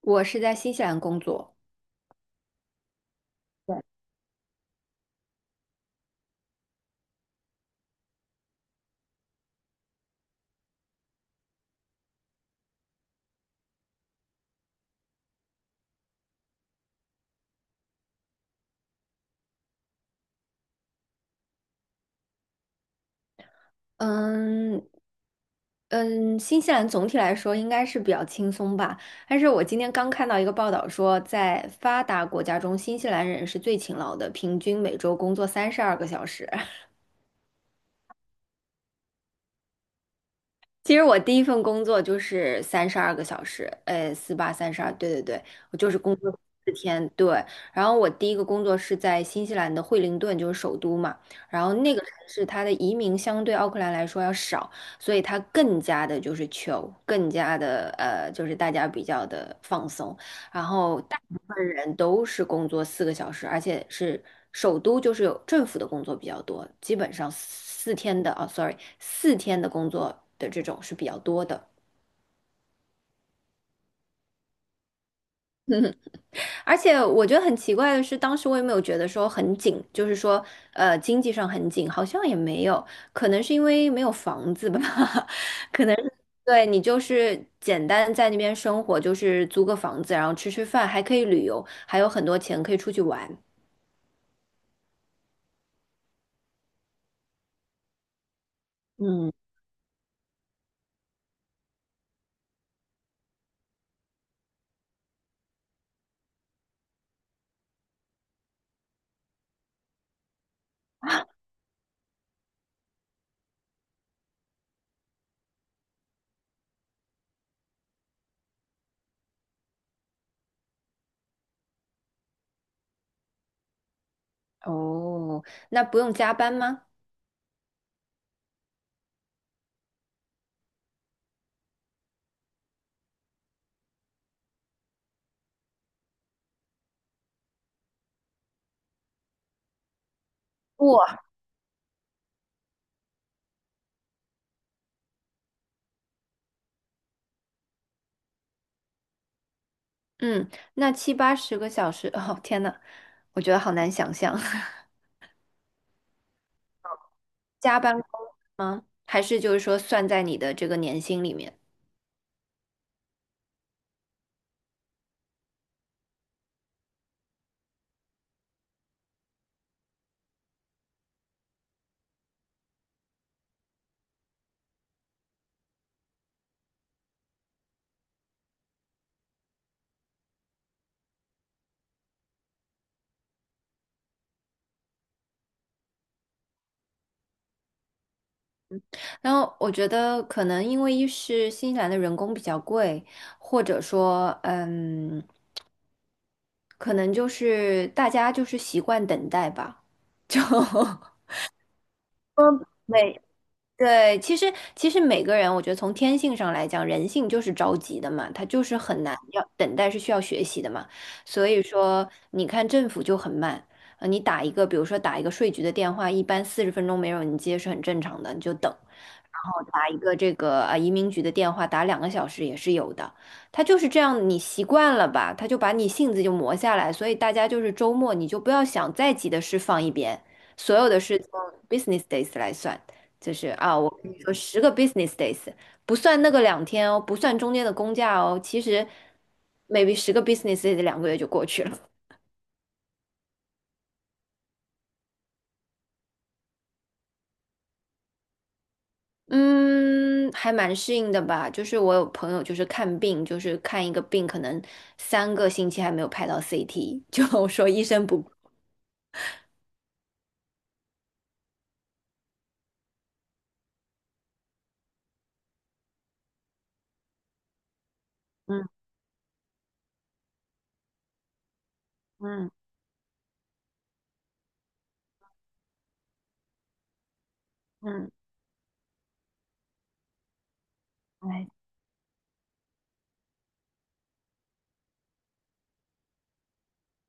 我是在新西兰工作。嗯嗯，新西兰总体来说应该是比较轻松吧。但是我今天刚看到一个报道说，在发达国家中，新西兰人是最勤劳的，平均每周工作三十二个小时。其实我第一份工作就是三十二个小时，四八三十二，对对对，我就是工作四天，对。然后我第一个工作是在新西兰的惠灵顿，就是首都嘛。然后那个城市它的移民相对奥克兰来说要少，所以它更加的就是大家比较的放松。然后大部分人都是工作4个小时，而且是首都就是有政府的工作比较多，基本上四天的工作的这种是比较多的。而且我觉得很奇怪的是，当时我也没有觉得说很紧，就是说经济上很紧，好像也没有，可能是因为没有房子吧，可能是。对，你就是简单在那边生活，就是租个房子，然后吃吃饭，还可以旅游，还有很多钱可以出去玩。嗯。哦，那不用加班吗？不，嗯，那七八十个小时，哦，天呐，我觉得好难想象，加班工吗？还是就是说算在你的这个年薪里面？然后我觉得可能因为一是新西兰的人工比较贵，或者说，嗯，可能就是大家就是习惯等待吧，就 嗯，对，其实每个人，我觉得从天性上来讲，人性就是着急的嘛，他就是很难要等待是需要学习的嘛。所以说，你看政府就很慢，你打一个，比如说打一个税局的电话，一般40分钟没有人接是很正常的，你就等。然后打一个这个移民局的电话，打2个小时也是有的。他就是这样，你习惯了吧，他就把你性子就磨下来。所以大家就是周末你就不要想再急的事放一边，所有的事从 business days 来算。就是啊，我跟你说，十个 business days 不算那个2天哦，不算中间的公假哦，其实 maybe 十个 business days 2个月就过去了。嗯，还蛮适应的吧。就是我有朋友就是看病，就是看一个病，可能3个星期还没有拍到 CT，就说医生不。嗯嗯嗯，哎，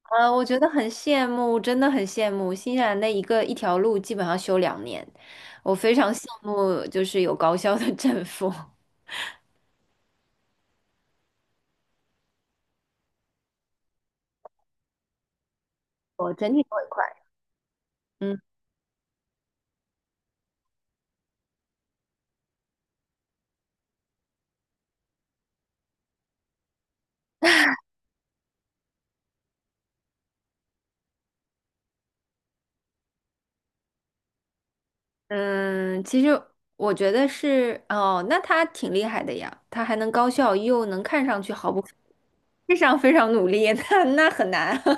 啊，我觉得很羡慕，真的很羡慕新西兰的一条路基本上修2年，我非常羡慕，就是有高校的 政府。我整体都很快。嗯嗯，其实我觉得是哦，那他挺厉害的呀，他还能高效又能看上去毫不非常非常努力，那很难。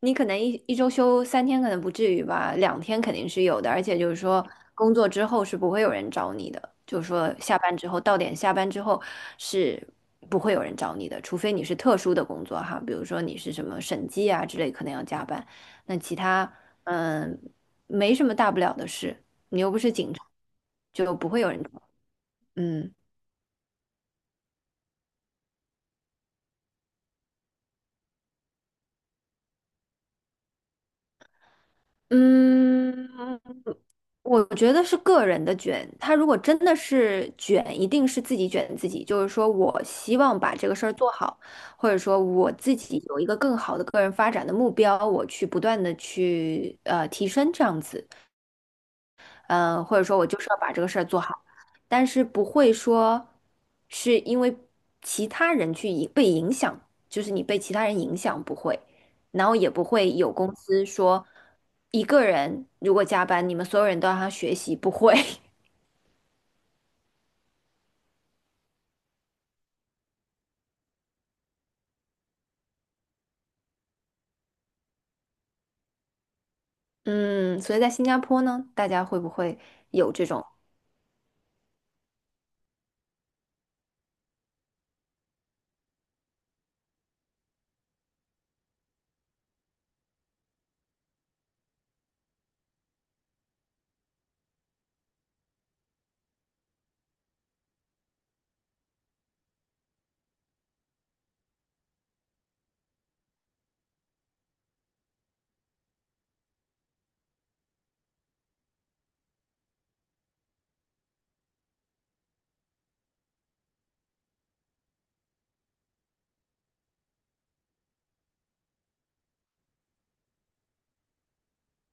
你可能一周休3天，可能不至于吧，两天肯定是有的。而且就是说，工作之后是不会有人找你的，就是说下班之后到点下班之后是不会有人找你的，除非你是特殊的工作哈，比如说你是什么审计啊之类，可能要加班。那其他嗯没什么大不了的事，你又不是警察，就不会有人找。嗯嗯，我觉得是个人的卷，他如果真的是卷，一定是自己卷自己。就是说我希望把这个事儿做好，或者说我自己有一个更好的个人发展的目标，我去不断的去提升这样子。嗯，或者说我就是要把这个事儿做好，但是不会说是因为其他人去影被影响，就是你被其他人影响不会，然后也不会有公司说一个人如果加班，你们所有人都让他学习，不会。嗯，所以在新加坡呢，大家会不会有这种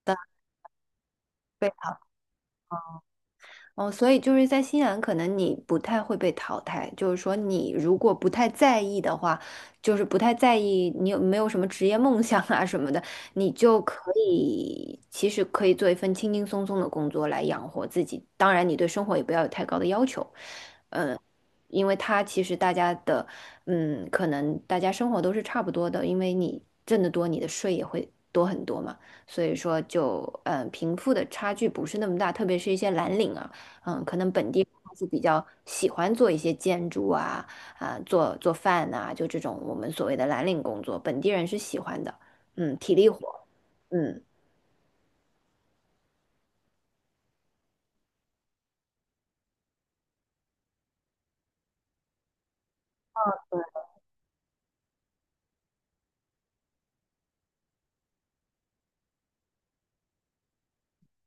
的？哦，所以就是在新西兰，可能你不太会被淘汰。就是说，你如果不太在意的话，就是不太在意你有没有什么职业梦想啊什么的，你就可以其实可以做一份轻轻松松的工作来养活自己。当然，你对生活也不要有太高的要求，嗯，因为它其实大家的，嗯，可能大家生活都是差不多的，因为你挣得多，你的税也会多很多嘛。所以说就，嗯，贫富的差距不是那么大，特别是一些蓝领啊。嗯，可能本地人是比较喜欢做一些建筑啊，啊，做做饭呐、就这种我们所谓的蓝领工作，本地人是喜欢的，嗯，体力活，嗯。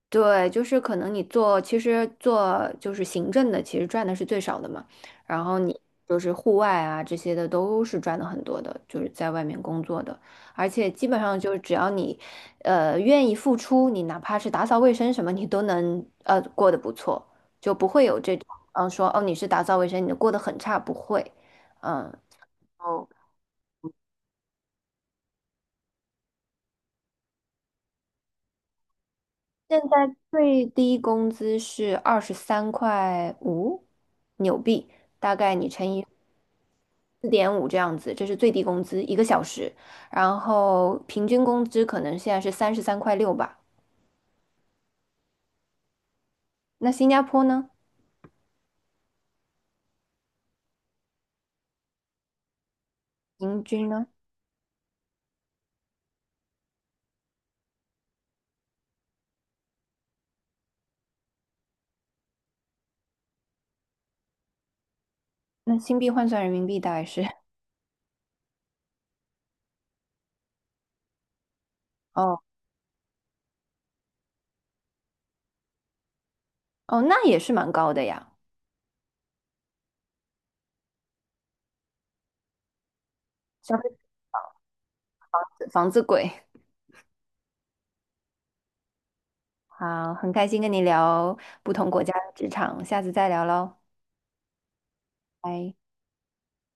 对，就是可能你做，其实做就是行政的，其实赚的是最少的嘛。然后你就是户外啊这些的都是赚的很多的，就是在外面工作的，而且基本上就是只要你，愿意付出，你哪怕是打扫卫生什么，你都能过得不错，就不会有这种说哦你是打扫卫生，你过得很差，不会，嗯。哦，现在最低工资是23.5块纽币，大概你乘以。4.5这样子，这是最低工资，一个小时。然后平均工资可能现在是33.6块吧。那新加坡呢？平均呢？那新币换算人民币大概是。哦哦，那也是蛮高的呀。消费。房子贵。好，很开心跟你聊不同国家的职场，下次再聊喽，拜。